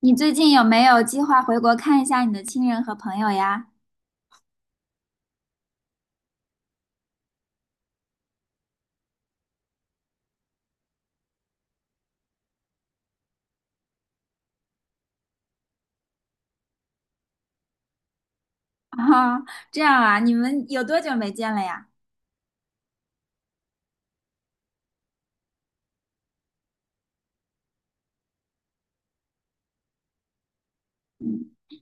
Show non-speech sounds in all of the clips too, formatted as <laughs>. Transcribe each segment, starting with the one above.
你最近有没有计划回国看一下你的亲人和朋友呀？<laughs> 啊，这样啊，你们有多久没见了呀？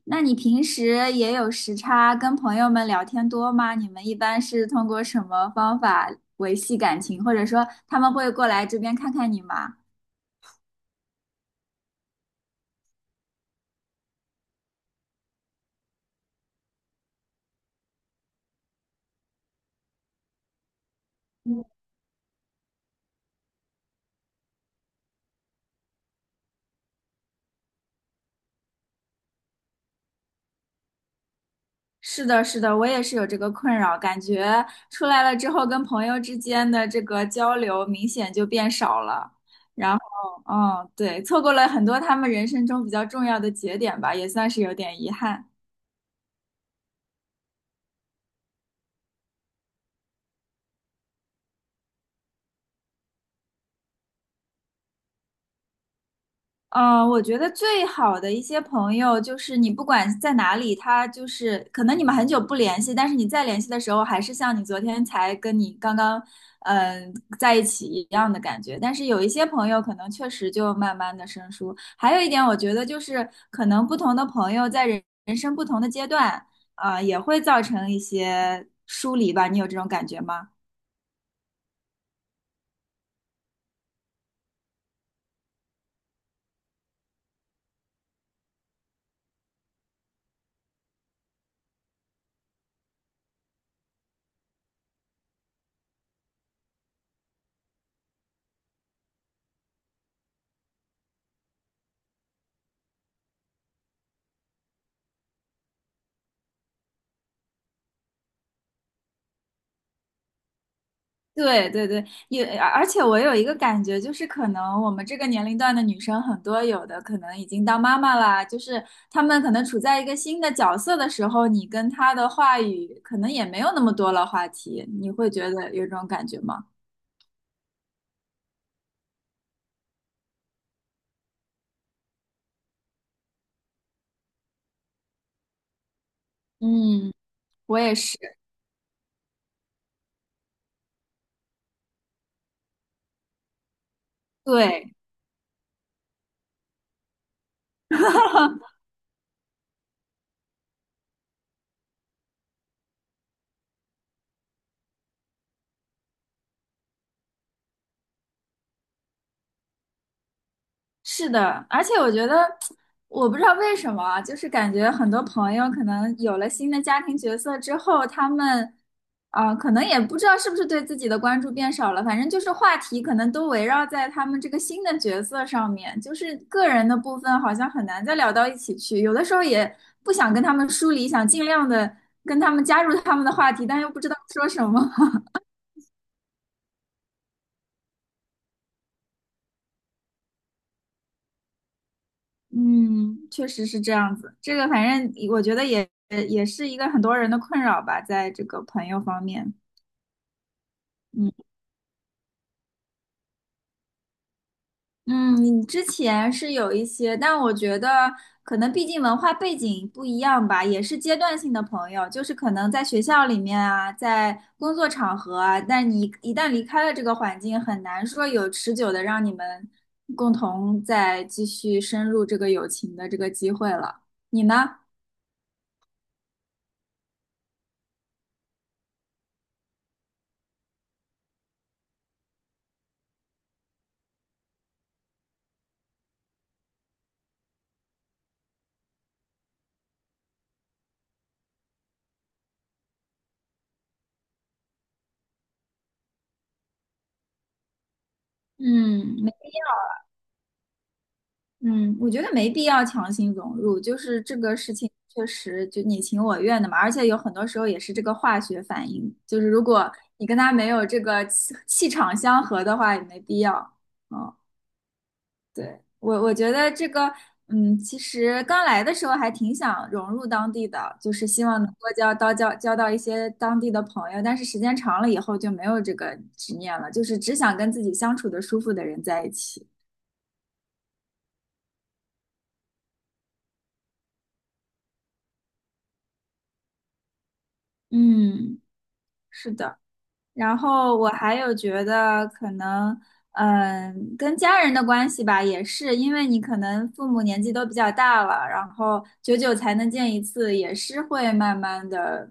那你平时也有时差，跟朋友们聊天多吗？你们一般是通过什么方法维系感情，或者说他们会过来这边看看你吗？是的，是的，我也是有这个困扰，感觉出来了之后跟朋友之间的这个交流明显就变少了。嗯，对，错过了很多他们人生中比较重要的节点吧，也算是有点遗憾。我觉得最好的一些朋友，就是你不管在哪里，他就是可能你们很久不联系，但是你再联系的时候，还是像你昨天才跟你刚刚在一起一样的感觉。但是有一些朋友，可能确实就慢慢的生疏。还有一点，我觉得就是可能不同的朋友在人生不同的阶段，也会造成一些疏离吧。你有这种感觉吗？对对对，也而且我有一个感觉，就是可能我们这个年龄段的女生很多，有的可能已经当妈妈啦，就是她们可能处在一个新的角色的时候，你跟她的话语可能也没有那么多了话题，你会觉得有这种感觉吗？嗯，我也是。对，<laughs> 是的，而且我觉得，我不知道为什么啊就是感觉很多朋友可能有了新的家庭角色之后，他们可能也不知道是不是对自己的关注变少了，反正就是话题可能都围绕在他们这个新的角色上面，就是个人的部分好像很难再聊到一起去，有的时候也不想跟他们疏离，想尽量的跟他们加入他们的话题，但又不知道说什么。嗯，确实是这样子。这个反正我觉得也是一个很多人的困扰吧，在这个朋友方面。嗯嗯，你之前是有一些，但我觉得可能毕竟文化背景不一样吧，也是阶段性的朋友，就是可能在学校里面啊，在工作场合啊，但你一旦离开了这个环境，很难说有持久的让你们共同再继续深入这个友情的这个机会了。你呢？嗯，嗯，我觉得没必要强行融入，就是这个事情确实就你情我愿的嘛，而且有很多时候也是这个化学反应，就是如果你跟他没有这个气场相合的话，也没必要。嗯，对，我觉得这个，嗯，其实刚来的时候还挺想融入当地的，就是希望能够交到一些当地的朋友，但是时间长了以后就没有这个执念了，就是只想跟自己相处的舒服的人在一起。嗯，是的。然后我还有觉得可能，嗯，跟家人的关系吧，也是因为你可能父母年纪都比较大了，然后久久才能见一次，也是会慢慢的，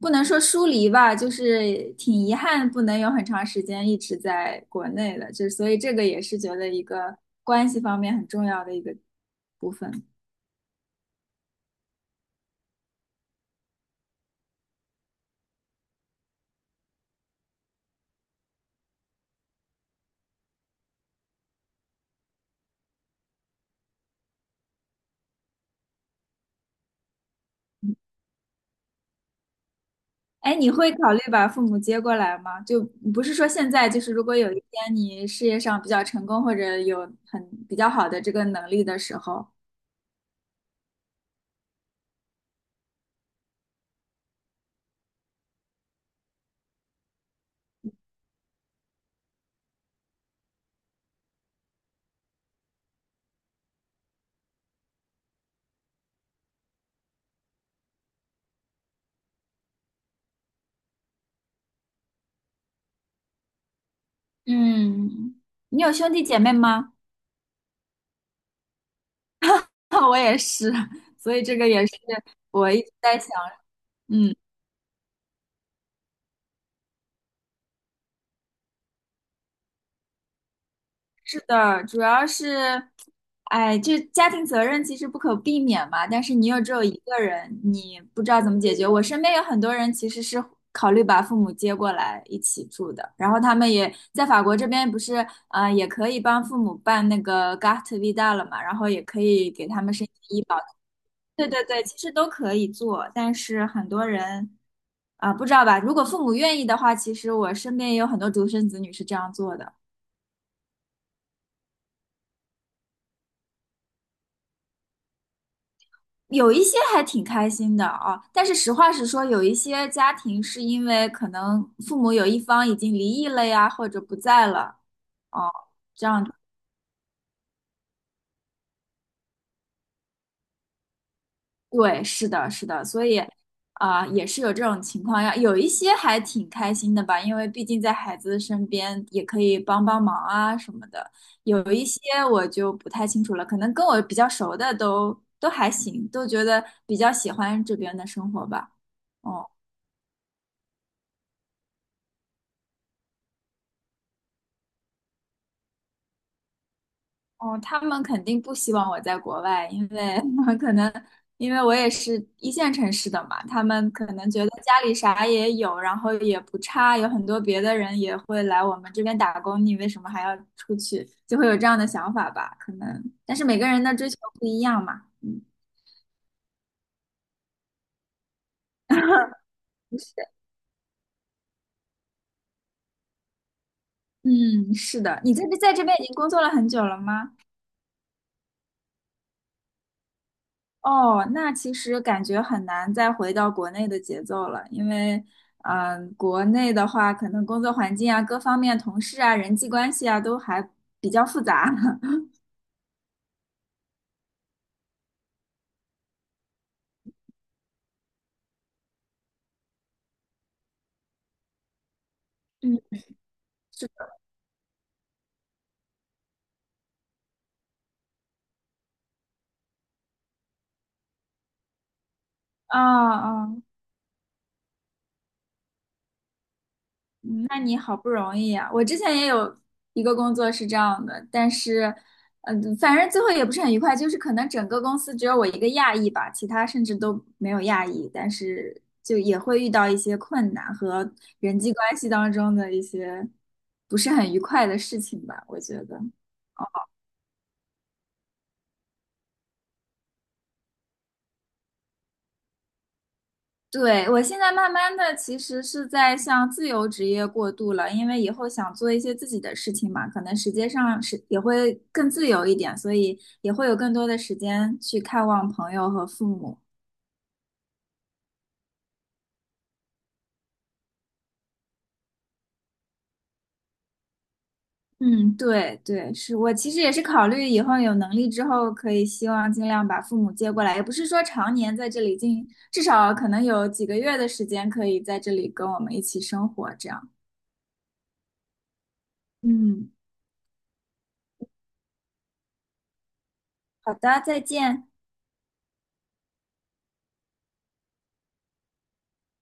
不能说疏离吧，就是挺遗憾不能有很长时间一直在国内的，就所以这个也是觉得一个关系方面很重要的一个部分。哎，你会考虑把父母接过来吗？就不是说现在，就是如果有一天你事业上比较成功，或者有很比较好的这个能力的时候，嗯，你有兄弟姐妹吗？<laughs> 我也是，所以这个也是我一直在想，嗯。是的，主要是，哎，这家庭责任其实不可避免嘛，但是你又只有一个人，你不知道怎么解决。我身边有很多人其实是考虑把父母接过来一起住的，然后他们也在法国这边不是，也可以帮父母办那个 Gart Vida 了嘛，然后也可以给他们申请医保。对对对，其实都可以做，但是很多人啊，不知道吧？如果父母愿意的话，其实我身边也有很多独生子女是这样做的。有一些还挺开心的啊，但是实话实说，有一些家庭是因为可能父母有一方已经离异了呀，或者不在了哦，这样对，是的，是的，所以啊，也是有这种情况呀。有一些还挺开心的吧，因为毕竟在孩子身边也可以帮帮忙啊什么的。有一些我就不太清楚了，可能跟我比较熟的都还行，都觉得比较喜欢这边的生活吧。哦。哦，他们肯定不希望我在国外，因为 <laughs> 可能因为我也是一线城市的嘛，他们可能觉得家里啥也有，然后也不差，有很多别的人也会来我们这边打工，你为什么还要出去？就会有这样的想法吧，可能。但是每个人的追求不一样嘛，嗯，是，嗯，是的。你在这边已经工作了很久了吗？哦，那其实感觉很难再回到国内的节奏了，因为，国内的话，可能工作环境啊、各方面、同事啊、人际关系啊，都还比较复杂。<laughs> 嗯，是啊啊 <laughs>。那你好不容易啊！我之前也有一个工作是这样的，但是，反正最后也不是很愉快，就是可能整个公司只有我一个亚裔吧，其他甚至都没有亚裔，但是就也会遇到一些困难和人际关系当中的一些不是很愉快的事情吧，我觉得。对，我现在慢慢的其实是在向自由职业过渡了，因为以后想做一些自己的事情嘛，可能时间上是也会更自由一点，所以也会有更多的时间去看望朋友和父母。嗯，对对，是我其实也是考虑以后有能力之后，可以希望尽量把父母接过来，也不是说常年在这里进，至少可能有几个月的时间可以在这里跟我们一起生活，这样。嗯，好的，再见。